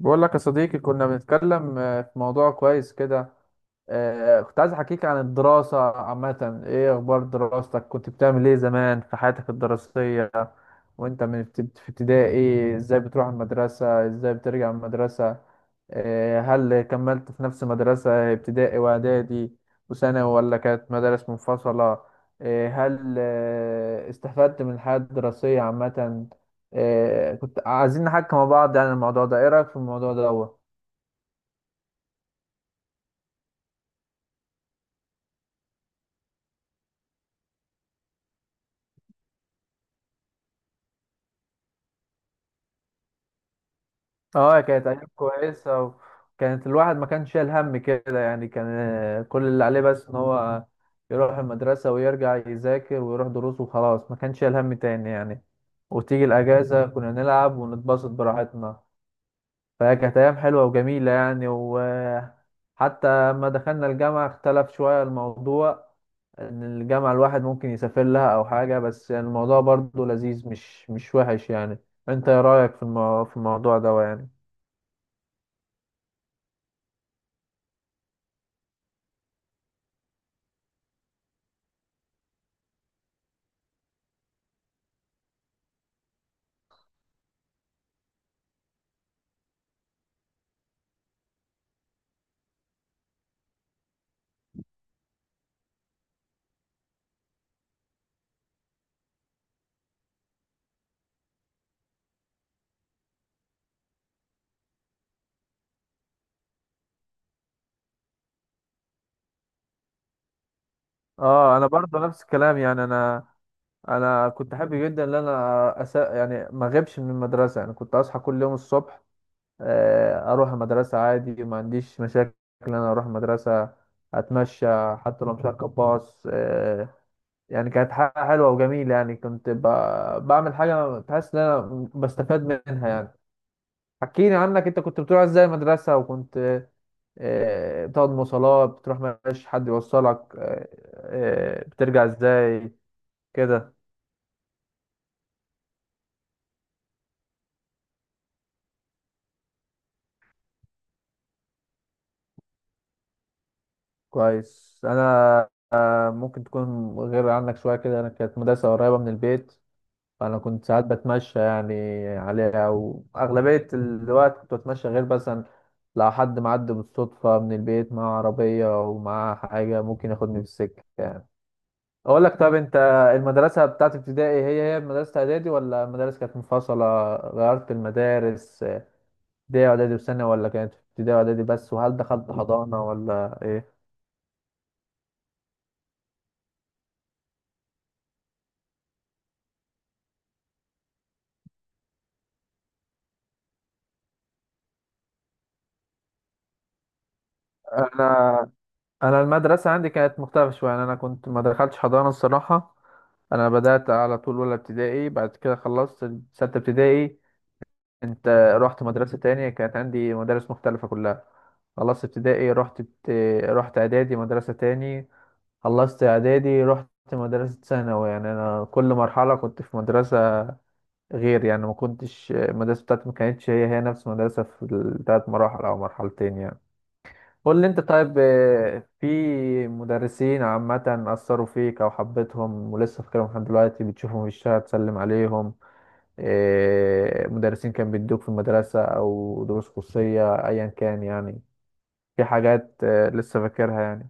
بقول لك يا صديقي، كنا بنتكلم في موضوع كويس كده. كنت عايز احكيك عن الدراسة عامة. ايه اخبار دراستك؟ كنت بتعمل ايه زمان في حياتك الدراسية؟ وانت من في ابتدائي ازاي بتروح المدرسة؟ ازاي بترجع من المدرسة؟ هل كملت في نفس مدرسة ابتدائي واعدادي وثانوي، ولا كانت مدارس منفصلة؟ هل استفدت من الحياة الدراسية عامة؟ كنت عايزين نحكي مع بعض يعني الموضوع ده. ايه رأيك في الموضوع ده هو؟ اه، كانت ايام كويسة، وكانت الواحد ما كانش شايل هم كده يعني. كان كل اللي عليه بس ان هو يروح المدرسة ويرجع يذاكر ويروح دروس وخلاص، ما كانش شايل هم تاني يعني. وتيجي الأجازة كنا نلعب ونتبسط براحتنا. فكانت أيام حلوة وجميلة يعني. وحتى لما دخلنا الجامعة اختلف شوية الموضوع، إن الجامعة الواحد ممكن يسافر لها أو حاجة، بس يعني الموضوع برضه لذيذ، مش وحش يعني. أنت إيه رأيك في في الموضوع ده يعني؟ اه، انا برضه نفس الكلام يعني. انا كنت حابب جدا ان انا يعني ما اغيبش من المدرسه يعني. كنت اصحى كل يوم الصبح، اروح المدرسه عادي، ما عنديش مشاكل ان انا اروح المدرسه. اتمشى حتى لو مش هركب باص. يعني كانت حاجة حلوة وجميلة يعني. كنت بعمل حاجة بحس إن أنا بستفاد منها يعني. حكيني عنك أنت. كنت بتروح إزاي المدرسة؟ وكنت بتقعد مواصلات؟ بتروح مفيش حد يوصلك بترجع إزاي كده؟ كويس. أنا ممكن تكون غير عنك شوية كده. أنا كانت مدرسة قريبة من البيت، فأنا كنت ساعات بتمشى يعني عليها، وأغلبية الوقت كنت بتمشى، غير مثلا لو حد معدي بالصدفة من البيت معاه عربية ومعاه حاجة ممكن ياخدني في السكة يعني. أقول لك، طب أنت المدرسة بتاعت ابتدائي هي هي مدرسة إعدادي، ولا المدارس كانت منفصلة؟ غيرت المدارس؟ ابتدائي وإعدادي وسنة، ولا كانت ابتدائي وإعدادي بس؟ وهل دخلت حضانة ولا إيه؟ انا انا المدرسه عندي كانت مختلفه شويه يعني. انا كنت ما دخلتش حضانه الصراحه. انا بدات على طول اولى ابتدائي، بعد كده خلصت سته ابتدائي. انت رحت مدرسه تانية، كانت عندي مدارس مختلفه كلها. خلصت ابتدائي رحت رحت اعدادي مدرسه تاني. خلصت اعدادي رحت مدرسه ثانوي يعني. انا كل مرحله كنت في مدرسه غير يعني، ما كنتش المدرسه بتاعتي ما كانتش هي هي نفس المدرسه في الثلاث مراحل او مرحلتين يعني. قول لي انت طيب، في مدرسين عامة أثروا فيك أو حبيتهم ولسه فاكرهم لحد دلوقتي، بتشوفهم في الشارع تسلم عليهم؟ مدرسين كان بيدوك في المدرسة أو دروس خصوصية أيا كان يعني. في حاجات لسه فاكرها يعني؟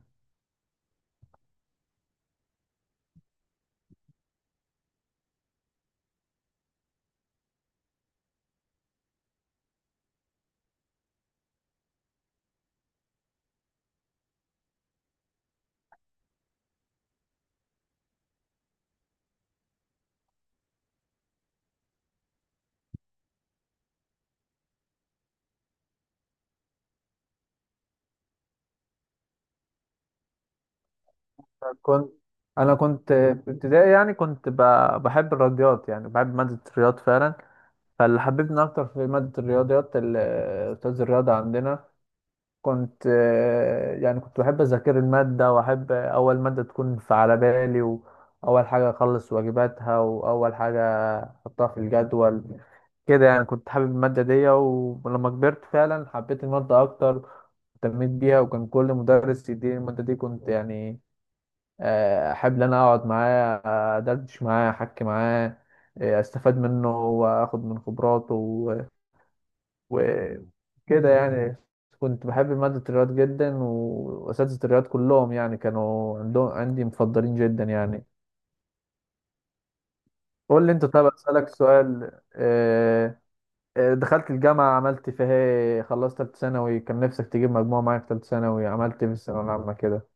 كنت أنا كنت في ابتدائي يعني كنت بحب الرياضيات يعني، بحب مادة الرياض فعلا. فاللي حببني أكتر في مادة الرياضيات أستاذ الرياضة عندنا. كنت يعني كنت بحب أذاكر المادة، وأحب أول مادة تكون في على بالي، وأول حاجة أخلص واجباتها، وأول حاجة أحطها في الجدول كده يعني. كنت حابب المادة دي. ولما كبرت فعلا حبيت المادة أكتر، اهتميت بيها. وكان كل مدرس يديني المادة دي كنت يعني أحب إن أنا أقعد معاه، أدردش معاه أحكي معاه، أستفاد منه وأخد من خبراته وكده يعني. كنت بحب مادة الرياض جدا، وأساتذة الرياض كلهم يعني كانوا عندهم عندي مفضلين جدا يعني. قول لي أنت. طب أسألك سؤال دخلت الجامعة عملت فيها إيه؟ خلصت تالتة ثانوي كان نفسك تجيب مجموعة معاك في تالتة ثانوي؟ عملت إيه في الثانوية العامة كده؟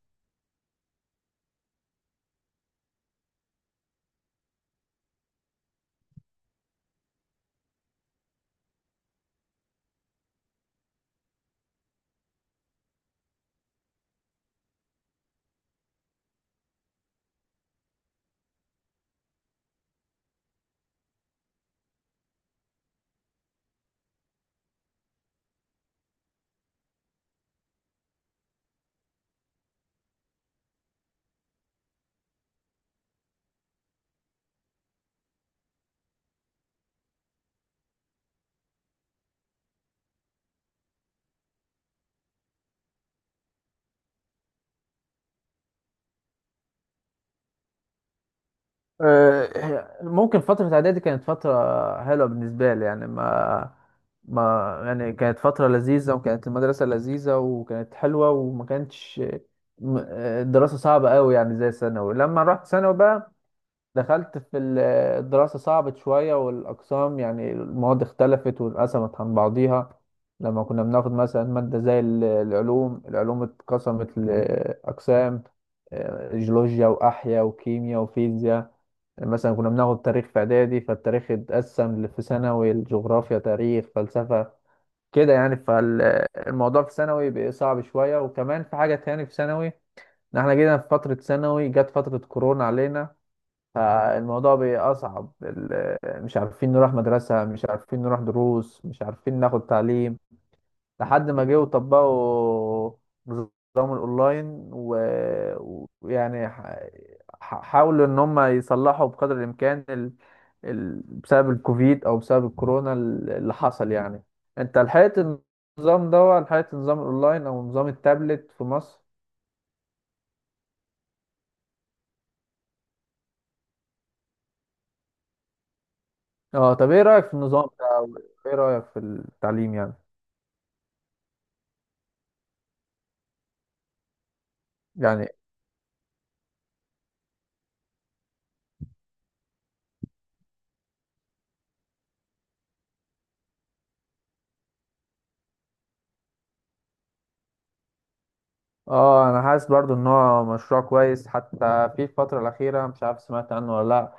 ممكن فترة إعدادي كانت فترة حلوة بالنسبة لي يعني. ما ما يعني كانت فترة لذيذة، وكانت المدرسة لذيذة وكانت حلوة، وما كانتش الدراسة صعبة قوي يعني، زي ثانوي. لما رحت ثانوي بقى دخلت في الدراسة صعبت شوية، والأقسام يعني المواد اختلفت وانقسمت عن بعضيها. لما كنا بناخد مثلا مادة زي العلوم اتقسمت لأقسام، جيولوجيا وأحياء وكيمياء وفيزياء. مثلا كنا بناخد تاريخ في اعدادي، فالتاريخ اتقسم في ثانوي الجغرافيا تاريخ فلسفة كده يعني. فالموضوع في ثانوي بقى صعب شوية. وكمان في حاجة تاني في ثانوي، ان احنا جينا في فترة ثانوي جت فترة كورونا علينا. فالموضوع بقى أصعب مش عارفين نروح مدرسة، مش عارفين نروح دروس، مش عارفين ناخد تعليم، لحد ما جه وطبقوا نظام الاونلاين. ويعني حاولوا ان هم يصلحوا بقدر الامكان بسبب الكوفيد او بسبب الكورونا اللي حصل يعني. انت لحقت النظام ده، ولا لحقت نظام الاونلاين او نظام التابلت في مصر؟ اه. طب ايه رأيك في النظام ده؟ ايه رأيك في التعليم يعني يعني اه، انا حاسس برضو ان هو مشروع كويس. حتى في الفترة الأخيرة مش عارف سمعت عنه ولا لا،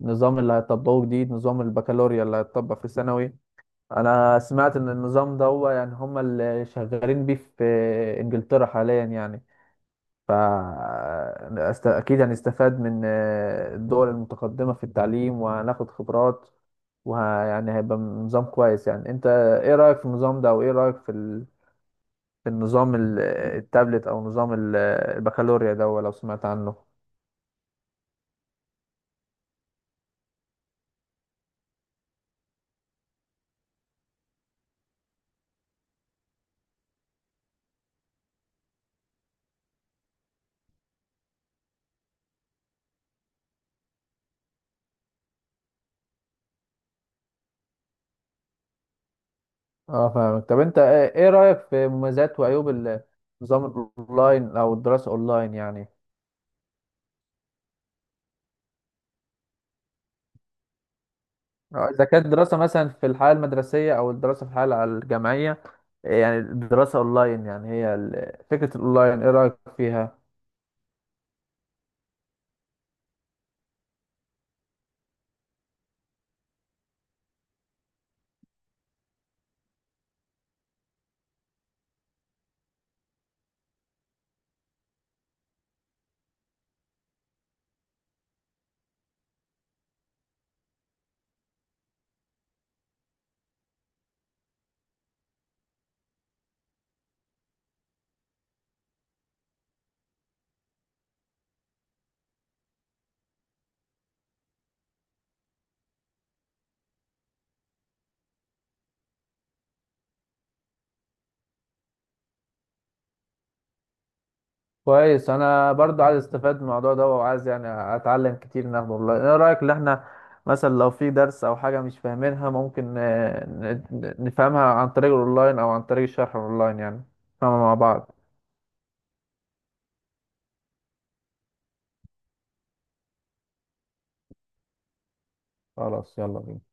النظام اللي هيطبقوه جديد، نظام البكالوريا اللي هيطبق في الثانوي. انا سمعت ان النظام ده هو يعني هم اللي شغالين بيه في انجلترا حاليا يعني. ف اكيد هنستفاد من الدول المتقدمة في التعليم وهناخد خبرات، ويعني هيبقى نظام كويس يعني. انت ايه رأيك في النظام ده؟ وايه رأيك في في التابلت او البكالوريا ده لو سمعت عنه؟ اه فاهمك. طب انت إيه رأيك في مميزات وعيوب النظام الاونلاين او الدراسة اونلاين يعني؟ اذا كانت دراسة مثلا في الحياة المدرسية او الدراسة في الحياة الجامعية، إيه يعني الدراسة اونلاين؟ يعني هي فكرة الاونلاين ايه رأيك فيها؟ كويس. انا برضو عايز استفاد من الموضوع ده، وعايز يعني اتعلم كتير ان اخده اونلاين. ايه رأيك ان احنا مثلا لو في درس او حاجة مش فاهمينها، ممكن نفهمها عن طريق الاونلاين او عن طريق الشرح الاونلاين يعني، نفهمها مع بعض. خلاص، يلا بينا.